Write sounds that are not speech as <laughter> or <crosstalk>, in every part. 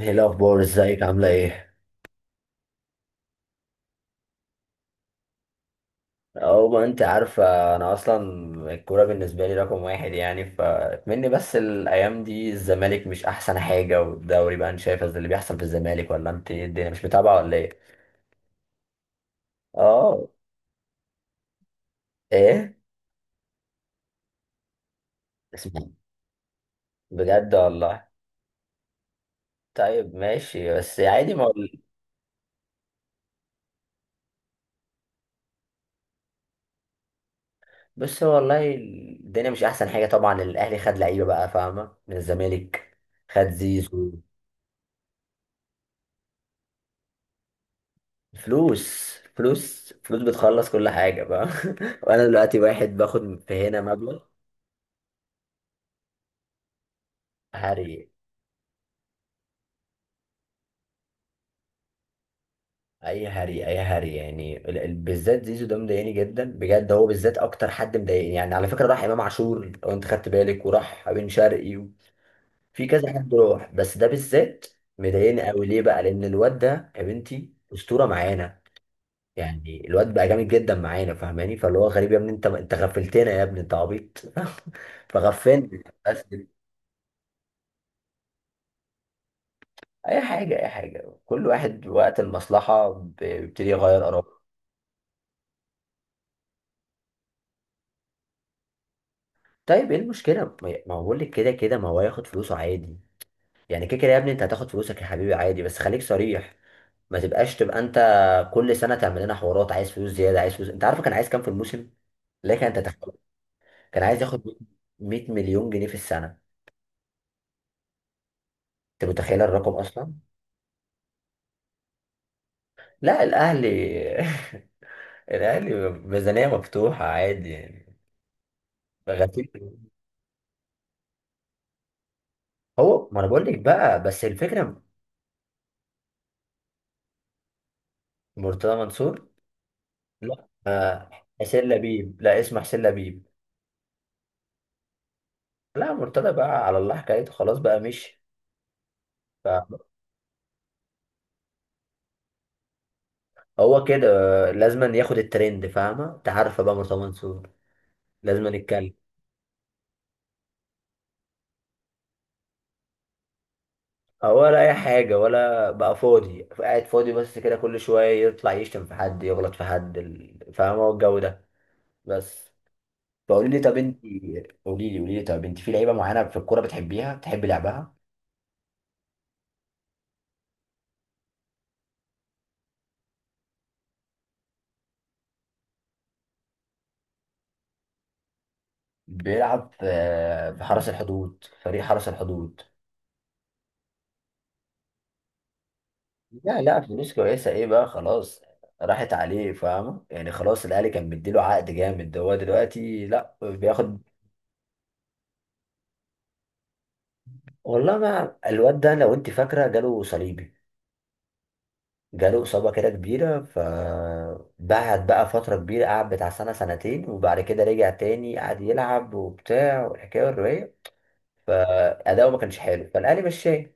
ايه الاخبار؟ ازيك؟ عامله ايه؟ او ما انت عارفه انا اصلا الكوره بالنسبه لي رقم واحد، يعني فاتمني. بس الايام دي الزمالك مش احسن حاجه، والدوري بقى انت شايفه اللي بيحصل في الزمالك؟ ولا انت إيه الدنيا مش متابعه ولا ايه؟ اه. ايه؟ اسمع، بجد والله. طيب ماشي، بس عادي ما اقول. بس هو والله الدنيا مش احسن حاجه. طبعا الاهلي خد لعيبه بقى فاهمه من الزمالك، خد زيزو. فلوس فلوس فلوس بتخلص كل حاجة بقى. <laughs> وأنا دلوقتي واحد باخد في هنا مبلغ. هري، أي هري، أي هري يعني بالذات زيزو ده مضايقني جدا بجد. هو بالذات أكتر حد مضايقني. يعني على فكرة راح إمام عاشور لو أنت خدت بالك، وراح بن شرقي في كذا حد راح، بس ده بالذات مضايقني أوي. ليه بقى؟ لأن الواد ده يا بنتي أسطورة معانا، يعني الواد بقى جامد جدا معانا، فاهماني؟ فاللي هو غريب، يا ابني انت غفلتنا، يا ابني انت عبيط. <laughs> فغفلنا بس. اي حاجه اي حاجه، كل واحد وقت المصلحه بيبتدي يغير اراءه. طيب ايه المشكله؟ ما هو بقول لك كده كده ما هو هياخد فلوسه عادي. يعني كده كده يا ابني انت هتاخد فلوسك يا حبيبي عادي، بس خليك صريح. ما تبقاش تبقى انت كل سنه تعمل لنا حوارات، عايز فلوس زياده، عايز فلوس. انت عارف كان عايز كام في الموسم؟ لكن انت تخيل، كان عايز ياخد 100 مليون جنيه في السنه. انت متخيل الرقم اصلا؟ لا الاهلي <laughs> الاهلي ميزانيه مفتوحه عادي يعني. غفير. هو ما انا بقول لك بقى، بس الفكره. مرتضى منصور. لا، آه، حسين لبيب، لا اسمه حسين لبيب. لا مرتضى بقى على الله حكايته، خلاص بقى مشي. فهو كده، لازم ياخد الترند، فاهمة؟ انت عارفة بقى مرتضى منصور لازم يتكلم. ولا اي حاجة، ولا بقى فاضي قاعد فاضي بس كده. كل شوية يطلع يشتم في حد، يغلط في حد فاهمة الجو ده؟ بس. فقولي لي طب انت، قولي لي قولي لي طب انت في لعيبة معينة في الكورة بتحبيها بتحبي لعبها؟ بيلعب في في حرس الحدود، فريق حرس الحدود. لا لا فلوس كويسة ايه بقى خلاص، راحت عليه فاهمة. يعني خلاص الاهلي كان مديله عقد جامد، هو دلوقتي لا بياخد. والله ما الواد ده لو انت فاكرة جاله صليبي، جاله إصابة كده كبيرة، فبعد بقى فترة كبيرة قعد بتاع سنة سنتين، وبعد كده رجع تاني قعد يلعب وبتاع والحكاية والرواية، فأداؤه ما كانش حلو، فالأهلي مشاه.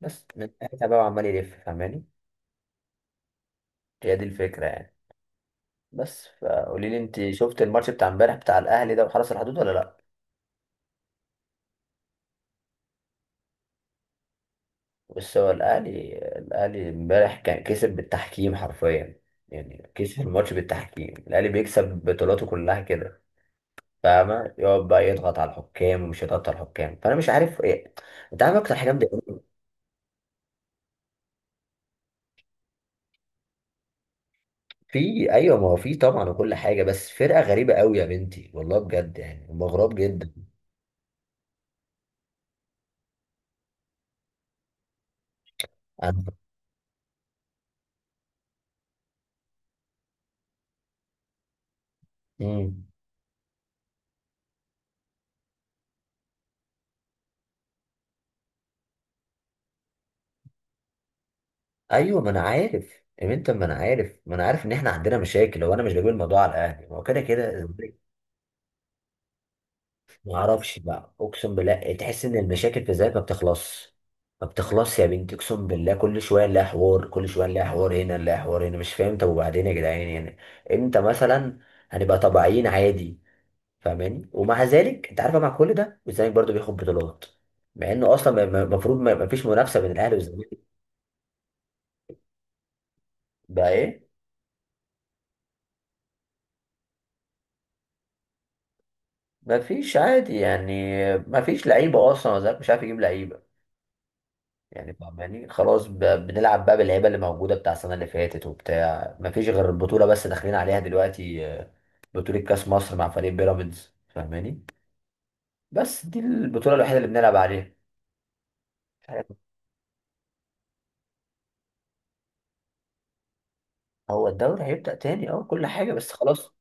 بس من ساعتها بقى عمال يلف، فاهماني؟ هي دي الفكرة يعني. بس فقولي لي، انت شفت الماتش بتاع امبارح بتاع الاهلي ده وحرس الحدود ولا لا؟ بص هو الأهلي امبارح كان كسب بالتحكيم حرفيا. يعني كسب الماتش بالتحكيم. الأهلي بيكسب بطولاته كلها كده، فاهمة؟ يقعد بقى يضغط على الحكام، ومش يضغط على الحكام، فأنا مش عارف إيه. أنت عارف أكتر حاجة مضايقاني؟ في أيوه ما هو في طبعا وكل حاجة، بس فرقة غريبة قوي يا بنتي والله بجد، يعني هم غراب جدا. أنا. مم. أيوه ما أنا عارف يا بنت، ما أنا عارف، ما أنا عارف إن إحنا عندنا مشاكل، هو أنا مش بجيب الموضوع على الأهلي، هو كده كده. ما اعرفش بقى، اقسم بالله تحس ان المشاكل في ذات ما بتخلصش، ما بتخلصش يا بنتي. اقسم بالله كل شويه نلاقي حوار، كل شويه نلاقي حوار هنا، نلاقي حوار هنا، مش فاهم. طب وبعدين يا جدعان يعني امتى مثلا هنبقى طبيعيين عادي؟ فاهماني؟ ومع ذلك انت عارفه مع كل ده الزمالك برضو بياخد بطولات، مع انه اصلا المفروض ما فيش منافسه بين الاهلي والزمالك. بقى ايه؟ ما فيش عادي يعني، ما فيش لعيبه اصلا. الزمالك مش عارف يجيب لعيبه يعني، فاهماني؟ خلاص بنلعب بقى باللعيبه اللي موجوده بتاع السنه اللي فاتت وبتاع. ما فيش غير البطوله بس داخلين عليها دلوقتي بطوله كاس مصر مع فريق بيراميدز، فاهماني؟ بس دي البطوله الوحيده اللي بنلعب عليها. مش عارف، هو الدوري هيبدا تاني اه كل حاجه، بس خلاص.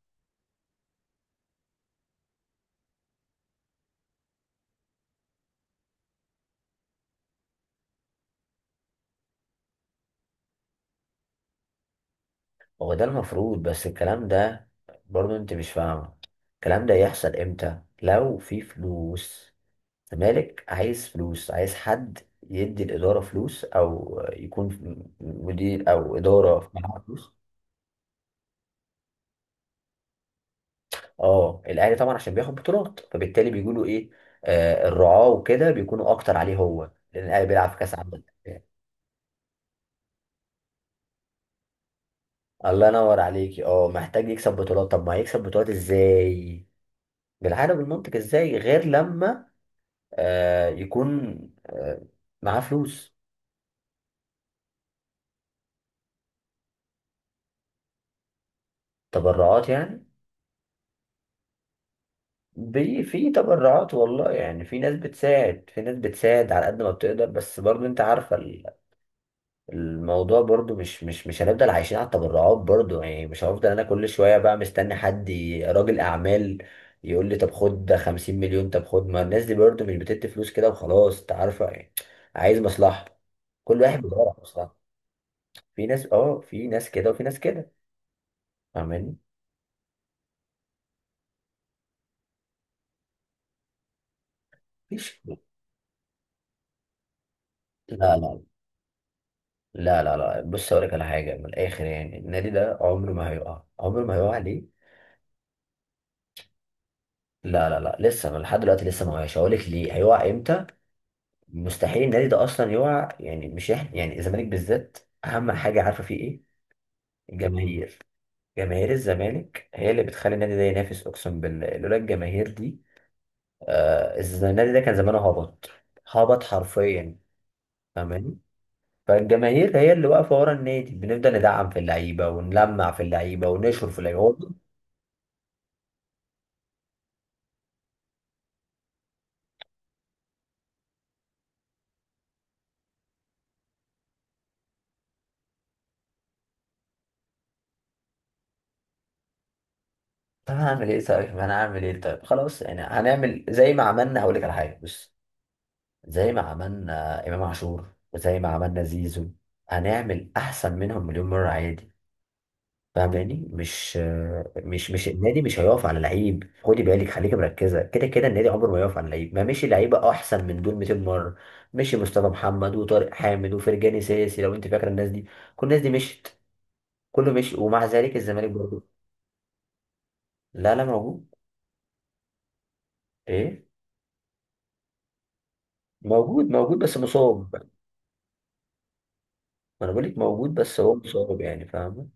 هو ده المفروض، بس الكلام ده برضه انت مش فاهمه، الكلام ده يحصل امتى؟ لو في فلوس. الزمالك عايز فلوس، عايز حد يدي الإدارة فلوس، أو يكون مدير أو إدارة معاها فلوس. اه الاهلي طبعا عشان بياخد بطولات فبالتالي بيقولوا ايه؟ آه الرعاة وكده بيكونوا اكتر عليه هو، لان الاهلي بيلعب في كاس عالم. الله ينور عليكي. اه محتاج يكسب بطولات، طب ما هيكسب بطولات ازاي؟ بالعقل بالمنطق، ازاي غير لما يكون آه معاه فلوس؟ تبرعات يعني. في تبرعات والله، يعني في ناس بتساعد، في ناس بتساعد على قد ما بتقدر، بس برضه انت عارفة الموضوع برضو مش هنفضل عايشين على التبرعات برضو يعني. مش هفضل انا كل شوية بقى مستني حد راجل اعمال يقول لي طب خد ده 50 مليون، طب خد. ما الناس دي برضو مش بتدي فلوس كده وخلاص، انت عارفة يعني عايز مصلحة. كل واحد بيدور على مصلحة. في ناس اه، في ناس كده وفي ناس كده، فاهماني؟ مفيش. لا لا لا لا لا. بص اقول لك على حاجة من الاخر يعني، النادي ده عمره ما هيقع، عمره ما هيقع. ليه؟ لا لا لا لسه، أنا لحد دلوقتي لسه ما وقعش. هقول لك ليه هيقع امتى. مستحيل النادي ده اصلا يقع يعني، مش احنا يعني الزمالك بالذات. اهم حاجه عارفه فيه ايه؟ الجماهير. جماهير الزمالك هي اللي بتخلي النادي ده ينافس. اقسم بالله لولا الجماهير دي النادي ده كان زمانه هبط، هبط حرفيا، فاهماني؟ فالجماهير هي اللي واقفه ورا النادي، بنفضل ندعم في اللعيبه ونلمع في اللعيبه ونشهر في اللعيبه. هو طب انا هعمل ايه؟ طيب انا هعمل ايه؟ طيب خلاص يعني هنعمل زي ما عملنا. هقول لك على حاجه بس، زي ما عملنا إمام عاشور وزي ما عملنا زيزو، هنعمل أحسن منهم مليون مرة عادي، فاهماني؟ مش النادي مش هيقف على لعيب. خدي بالك خليكي مركزة، كده كده النادي عمره ما يقف على لعيب، ما مشي لعيبة أحسن من دول 200 مرة. مشي مصطفى محمد وطارق حامد وفرجاني ساسي، لو أنت فاكرة الناس دي، كل الناس دي مشت، كله مشي، ومع ذلك الزمالك برضه. لا لا موجود. إيه؟ موجود، موجود بس مصاب. ما أنا بقول لك موجود بس هو مصاب يعني، فاهمة؟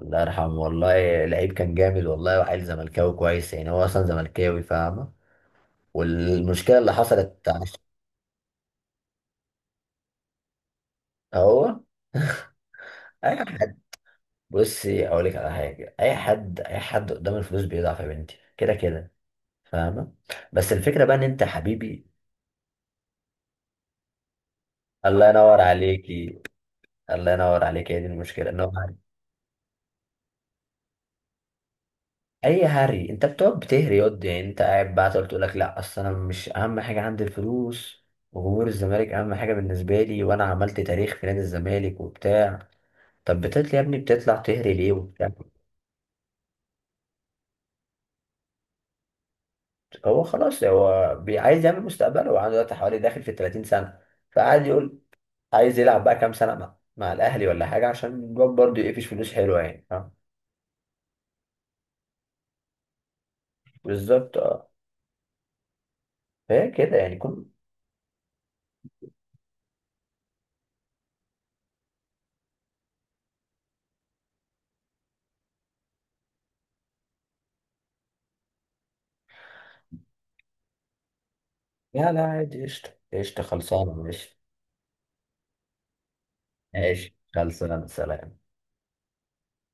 الله يرحمه والله، لعيب كان جامد والله، وعيل زملكاوي كويس يعني، هو اصلا زملكاوي فاهمه. والمشكله اللي حصلت هو. <laughs> اي حد. بصي اقول لك على حاجه، اي حد اي حد قدام الفلوس بيضعف يا بنتي كده كده، فاهمه؟ بس الفكره بقى ان انت حبيبي. الله ينور عليكي، الله ينور عليكي، هي دي المشكله ان هو. اي هري، انت بتقعد بتهري ياض يعني؟ انت قاعد بقى تقعد تقول لك لا اصل انا مش اهم حاجه عندي الفلوس، وجمهور الزمالك اهم حاجه بالنسبه لي، وانا عملت تاريخ في نادي الزمالك وبتاع. طب بتطلع يا ابني بتطلع تهري ليه وبتاع؟ هو خلاص هو عايز يعمل مستقبله، وعنده دلوقتي حوالي داخل في 30 سنه. فقعد يقول عايز يلعب بقى كام سنه مع الاهلي ولا حاجه، عشان الواد برضه يقفش فلوس حلوه يعني، فاهم؟ بالظبط اه. فهي كده يعني كل. لا لا عادي قشطه قشطه، خلصانه ماشي. ماشي خلصانه سلام.